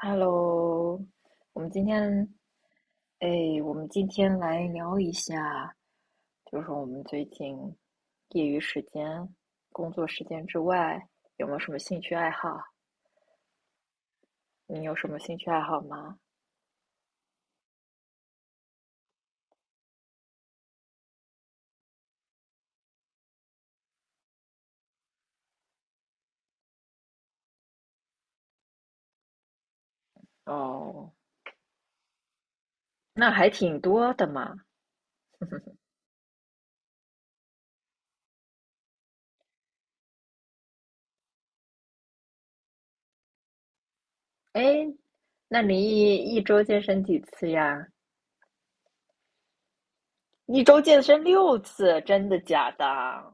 Hello，我们今天，哎，我们今天来聊一下，就是我们最近业余时间、工作时间之外，有没有什么兴趣爱好？你有什么兴趣爱好吗？哦，那还挺多的嘛。哎，那你一周健身几次呀？一周健身六次，真的假的？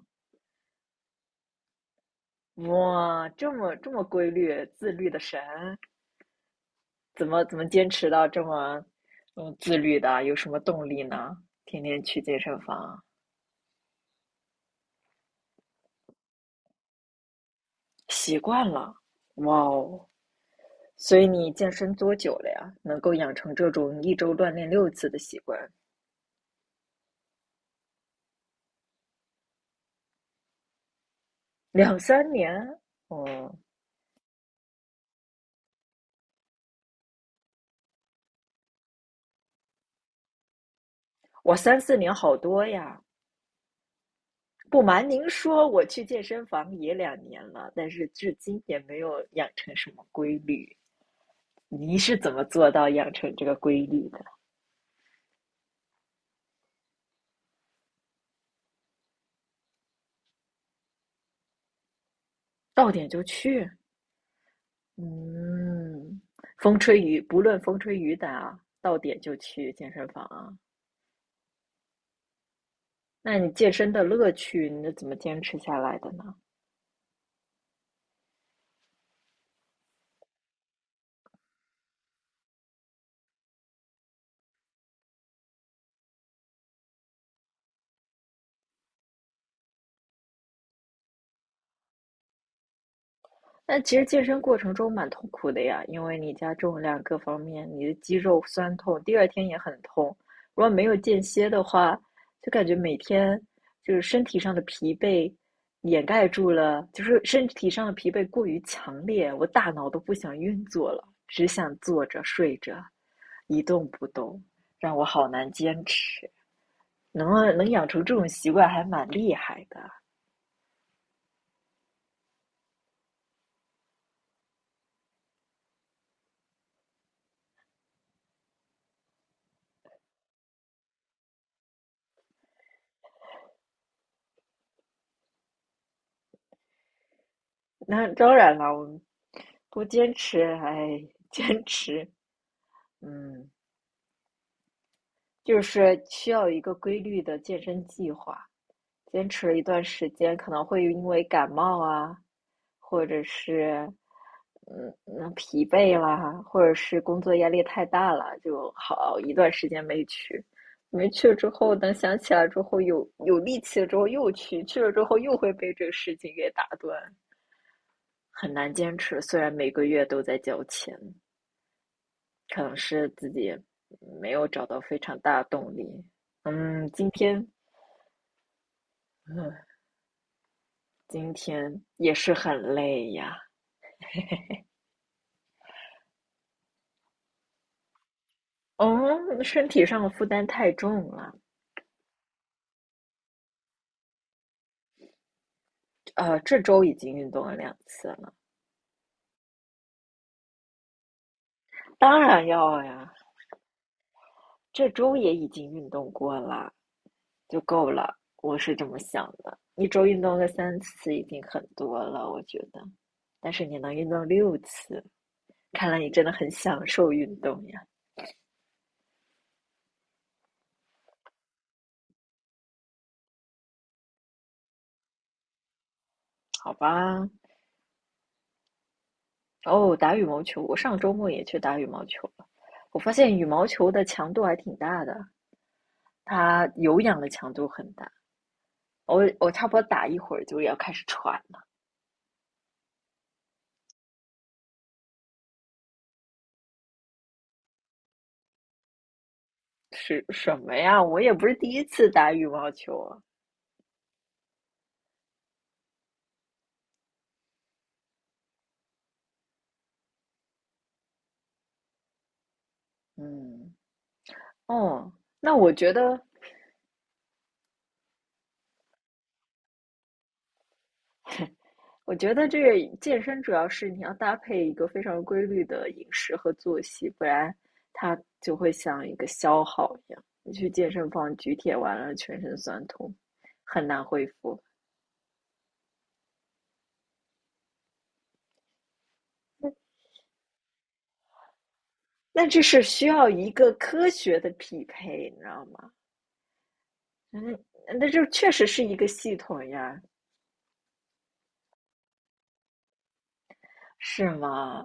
哇，这么规律、自律的神！怎么坚持到这么自律的？有什么动力呢？天天去健身房，习惯了，哇哦！所以你健身多久了呀？能够养成这种一周锻炼六次的习惯？两三年？哦，我三四年好多呀。不瞒您说，我去健身房也两年了，但是至今也没有养成什么规律。你是怎么做到养成这个规律的？到点就去，嗯，风吹雨，不论风吹雨打，到点就去健身房啊。那你健身的乐趣，你是怎么坚持下来的呢？但其实健身过程中蛮痛苦的呀，因为你加重量各方面，你的肌肉酸痛，第二天也很痛。如果没有间歇的话，就感觉每天就是身体上的疲惫掩盖住了，就是身体上的疲惫过于强烈，我大脑都不想运作了，只想坐着睡着，一动不动，让我好难坚持。能养成这种习惯还蛮厉害的。那当然了，我们不坚持，哎，坚持，嗯，就是需要一个规律的健身计划。坚持了一段时间，可能会因为感冒啊，或者是嗯疲惫啦，或者是工作压力太大了，就好一段时间没去。没去了之后，等想起来之后，有力气了之后又去，去了之后又会被这个事情给打断，很难坚持。虽然每个月都在交钱。可能是自己没有找到非常大的动力。嗯，今天，嗯，今天也是很累呀。嗯，身体上的负担太重了。呃，这周已经运动了2次了，当然要呀。这周也已经运动过了，就够了。我是这么想的，一周运动个三次已经很多了，我觉得。但是你能运动六次，看来你真的很享受运动呀。好吧，哦，打羽毛球，我上周末也去打羽毛球了。我发现羽毛球的强度还挺大的，它有氧的强度很大。我差不多打一会儿就要开始喘了，是什么呀？我也不是第一次打羽毛球啊。嗯，哦，那我觉得这个健身主要是你要搭配一个非常规律的饮食和作息，不然它就会像一个消耗一样。你去健身房举铁完了，全身酸痛，很难恢复。那这是需要一个科学的匹配，你知道吗？嗯，那就确实是一个系统呀，是吗？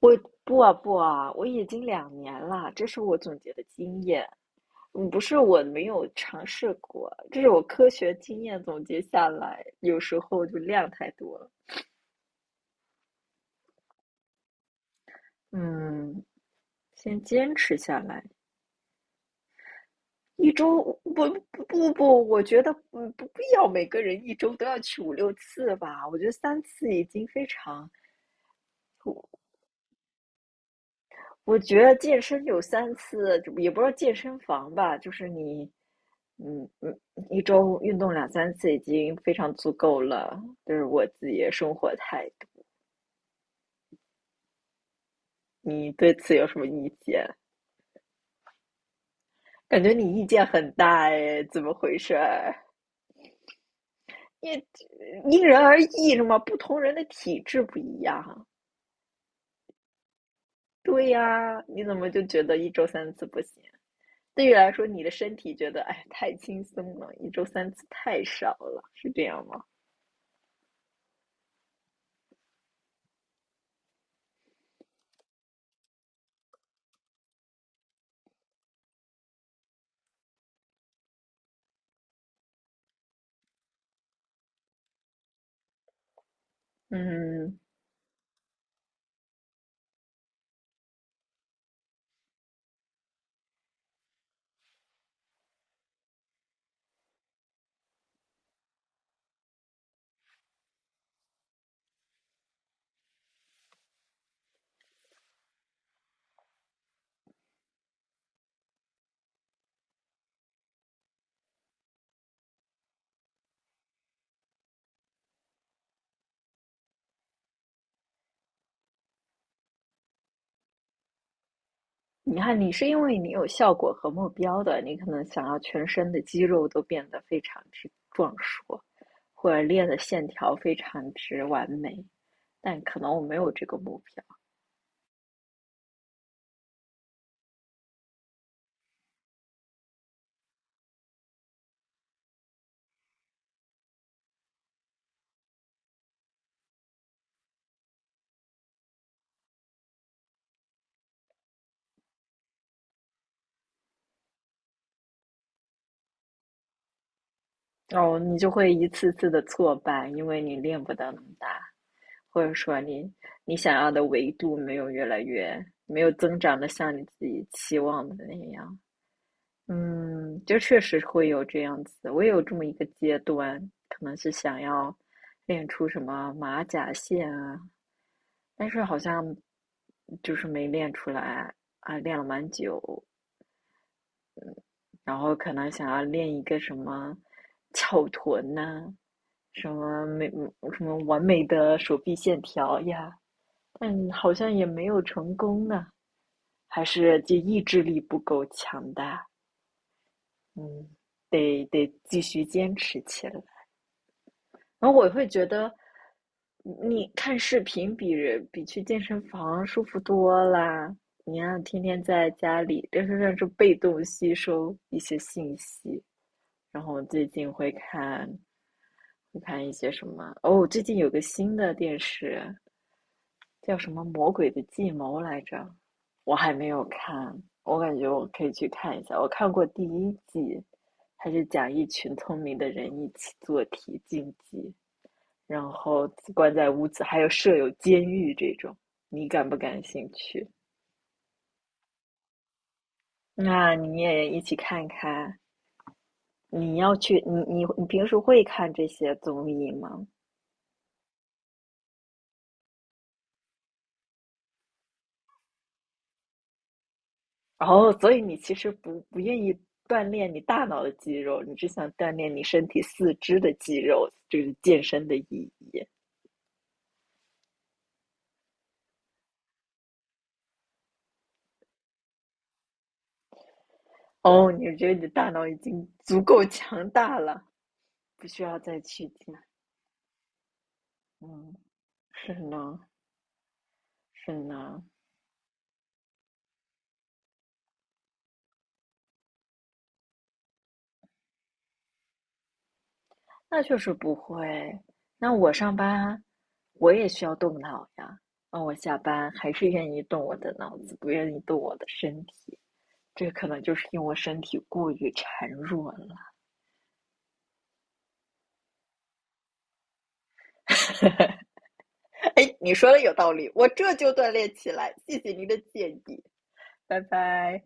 我不啊不啊，我已经两年了，这是我总结的经验，嗯，不是我没有尝试过，这是我科学经验总结下来，有时候就量太多了，嗯，先坚持下来。一周不不不不，我觉得不必要每个人一周都要去五六次吧，我觉得三次已经非常。我觉得健身有三次，也不知道健身房吧，就是你，嗯嗯，一周运动两三次已经非常足够了。就是我自己的生活态度，你对此有什么意见？感觉你意见很大哎，怎么回事儿？因为因人而异是吗？不同人的体质不一样。对呀，你怎么就觉得一周三次不行？对于来说，你的身体觉得哎太轻松了，一周三次太少了，是这样吗？嗯，你看，你是因为你有效果和目标的，你可能想要全身的肌肉都变得非常之壮硕，或者练的线条非常之完美，但可能我没有这个目标，哦，你就会一次次的挫败，因为你练不到那么大，或者说你你想要的维度没有越来越没有增长的像你自己期望的那样，嗯，就确实会有这样子，我也有这么一个阶段，可能是想要练出什么马甲线啊，但是好像就是没练出来啊，练了蛮久，然后可能想要练一个什么翘臀呐、什么美什么完美的手臂线条呀，但好像也没有成功呢，还是就意志力不够强大，嗯，得继续坚持起来。然后我会觉得，你看视频比去健身房舒服多啦。你看，天天在家里，这就算是被动吸收一些信息。然后我最近会看，会看一些什么？哦，最近有个新的电视叫什么《魔鬼的计谋》来着，我还没有看，我感觉我可以去看一下。我看过第一季，它是讲一群聪明的人一起做题竞技。然后关在屋子，还有设有监狱这种，你感不感兴趣？那你也一起看看。你要去，你平时会看这些综艺吗？哦，所以你其实不愿意锻炼你大脑的肌肉，你只想锻炼你身体四肢的肌肉，这是健身的意义。哦，你觉得你的大脑已经足够强大了，不需要再去健。嗯，是呢，是呢。那就是不会。那我上班，我也需要动脑呀。那我下班还是愿意动我的脑子，不愿意动我的身体。这可能就是因为我身体过于孱弱了。哎，你说的有道理，我这就锻炼起来。谢谢您的建议，拜拜。